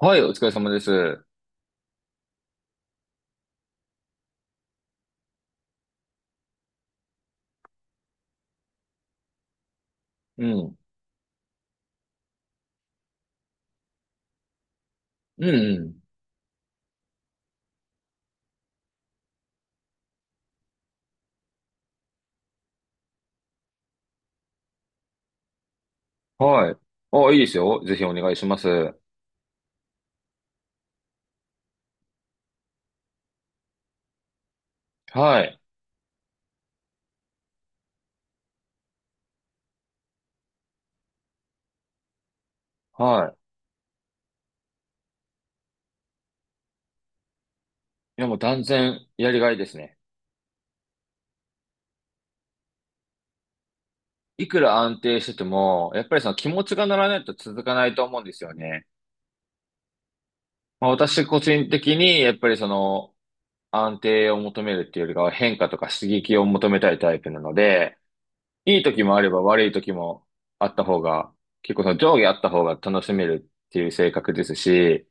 はい、お疲れ様です。うん。うん、うん。はい。あ、いいですよ。ぜひお願いします。はい。はい。いや、もう断然やりがいですね。いくら安定してても、やっぱりその気持ちが乗らないと続かないと思うんですよね。まあ、私個人的に、やっぱりその安定を求めるっていうよりかは変化とか刺激を求めたいタイプなので、いい時もあれば悪い時もあった方が、結構その上下あった方が楽しめるっていう性格ですし、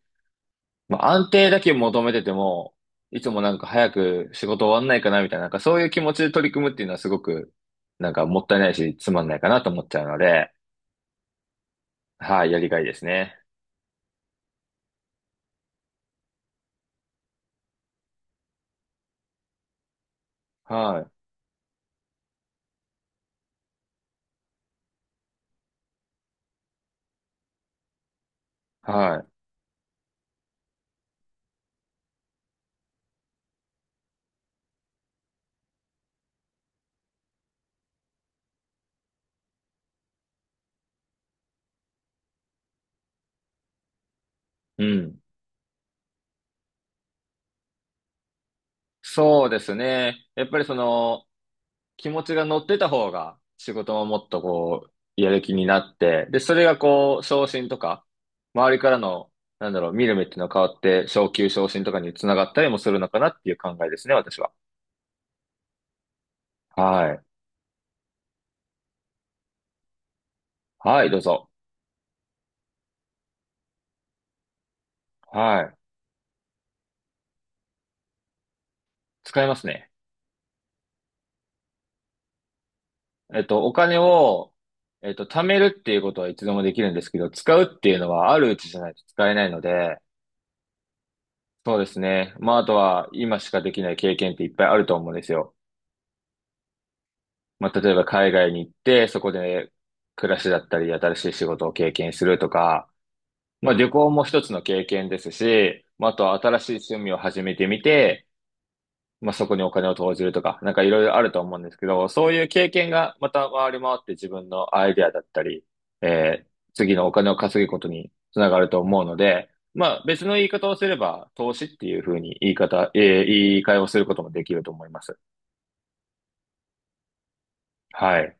まあ、安定だけ求めてても、いつもなんか早く仕事終わんないかなみたいな、なんかそういう気持ちで取り組むっていうのはすごく、なんかもったいないし、つまんないかなと思っちゃうので、はい、やりがいですね。はい、はい、うん。そうですね。やっぱりその、気持ちが乗ってた方が、仕事ももっとこう、やる気になって、で、それがこう、昇進とか、周りからの、なんだろう、見る目っていうのが変わって、昇給昇進とかにつながったりもするのかなっていう考えですね、私は。はい。はい、どうぞ。はい。使いますね。えっと、お金を、えっと、貯めるっていうことはいつでもできるんですけど、使うっていうのはあるうちじゃないと使えないので、そうですね。まあ、あとは今しかできない経験っていっぱいあると思うんですよ。まあ、例えば海外に行って、そこで暮らしだったり、新しい仕事を経験するとか、まあ、旅行も一つの経験ですし、まあ、あとは新しい趣味を始めてみて、まあ、そこにお金を投じるとか、なんかいろいろあると思うんですけど、そういう経験がまた回り回って自分のアイデアだったり、えー次のお金を稼ぐことにつながると思うので、まあ、別の言い方をすれば、投資っていうふうに言い方、言い換えをすることもできると思います。はい。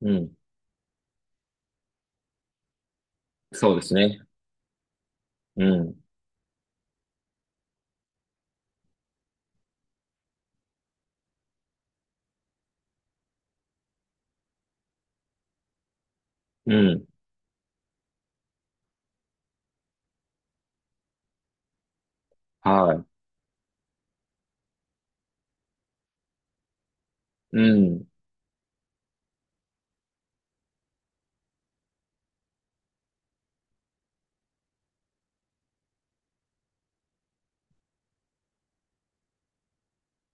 うん。そうですね。うん。うん。はい。うん。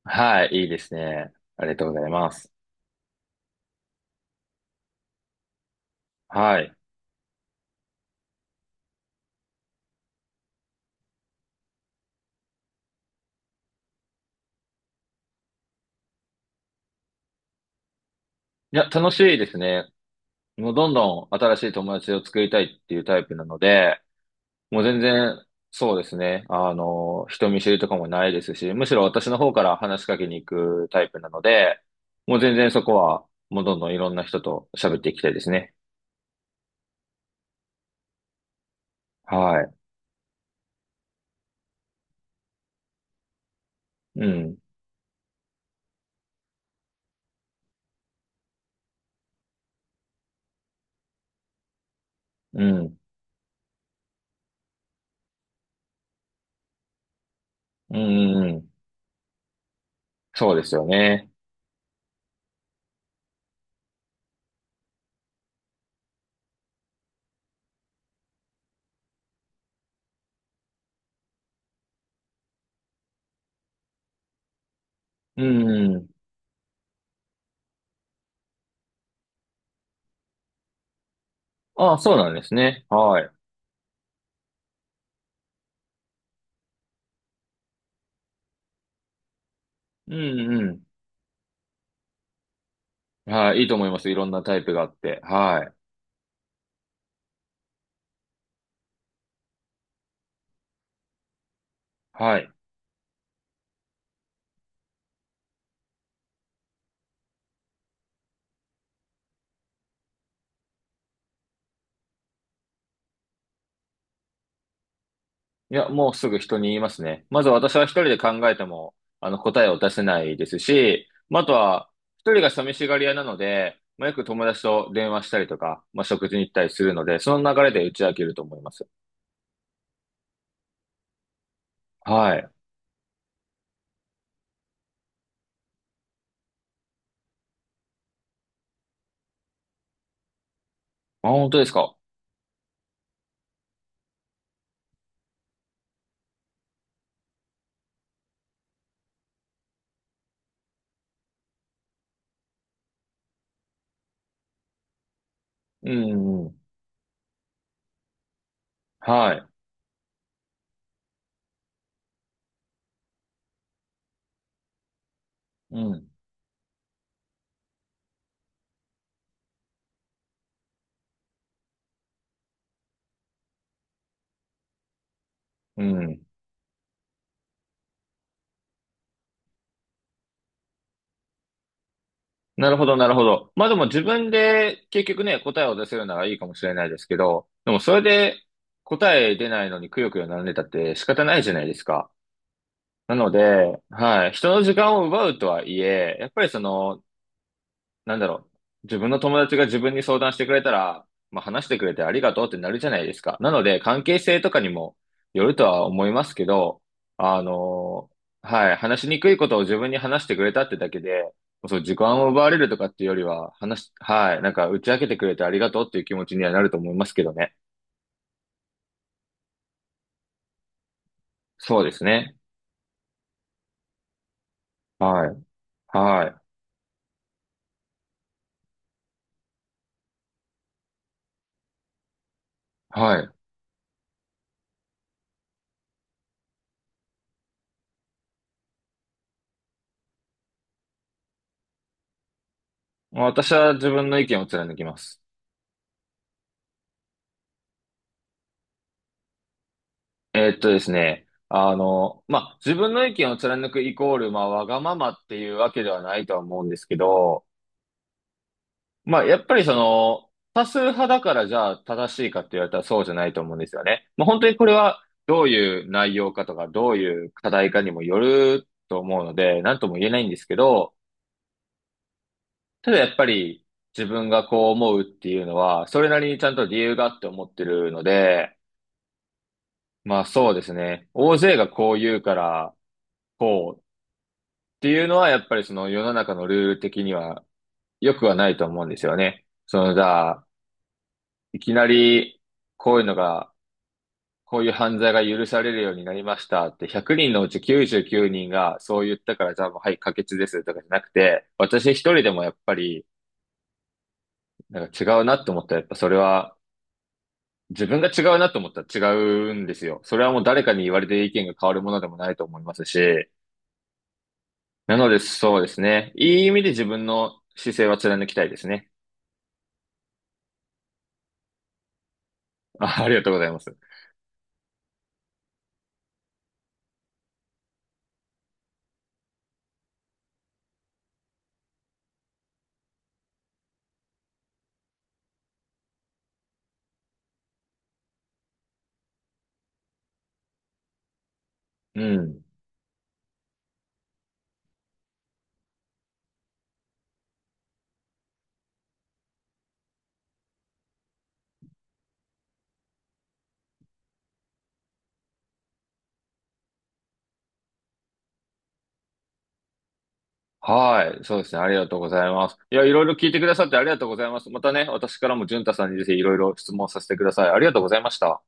はい。いいですね。ありがとうございます。はい。いや、楽しいですね。もうどんどん新しい友達を作りたいっていうタイプなので、もう全然、そうですね。あの、人見知りとかもないですし、むしろ私の方から話しかけに行くタイプなので、もう全然そこは、もうどんどんいろんな人と喋っていきたいですね。はい。うん。うん。うん。うん。そうですよね。うん。ああ、そうなんですね。はい。うん。うん。はい。いいと思います。いろんなタイプがあって。はい。はい。いや、もうすぐ人に言いますね。まず私は一人で考えても、あの、答えを出せないですし、まあ、あとは、一人が寂しがり屋なので、まあ、よく友達と電話したりとか、まあ、食事に行ったりするので、その流れで打ち明けると思います。はい。あ、本当ですか。うん、うん。はい。うん、うん。なるほど、なるほど。まあ、でも自分で結局ね、答えを出せるならいいかもしれないですけど、でもそれで答え出ないのにくよくよ悩んでたって仕方ないじゃないですか。なので、はい、人の時間を奪うとはいえ、やっぱりその、なんだろう、自分の友達が自分に相談してくれたら、まあ、話してくれてありがとうってなるじゃないですか。なので、関係性とかにもよるとは思いますけど、あの、はい、話しにくいことを自分に話してくれたってだけで、そう、時間を奪われるとかっていうよりは、話し、はい、なんか打ち明けてくれてありがとうっていう気持ちにはなると思いますけどね。そうですね。はい、はい、はい。私は自分の意見を貫きます。ですね。あの、まあ、自分の意見を貫くイコール、まあ、わがままっていうわけではないとは思うんですけど、まあ、やっぱりその、多数派だからじゃあ正しいかって言われたらそうじゃないと思うんですよね。まあ、本当にこれはどういう内容かとか、どういう課題かにもよると思うので、なんとも言えないんですけど、ただやっぱり自分がこう思うっていうのは、それなりにちゃんと理由があって思ってるので、まあそうですね。大勢がこう言うから、こう、っていうのは、やっぱりその世の中のルール的には良くはないと思うんですよね。その、じゃあ、いきなり、こういうのが、こういう犯罪が許されるようになりましたって、100人のうち99人がそう言ったから、じゃあもう、はい、可決ですとかじゃなくて、私一人でもやっぱり、なんか違うなと思ったら、やっぱそれは、自分が違うなと思ったら違うんですよ。それはもう誰かに言われて意見が変わるものでもないと思いますし、なのでそうですね。いい意味で自分の姿勢は貫きたいですね。あありがとうございます。うん。はい。そうですね。ありがとうございます。いや、いろいろ聞いてくださってありがとうございます。またね、私からも淳太さんにぜひいろいろ質問させてください。ありがとうございました。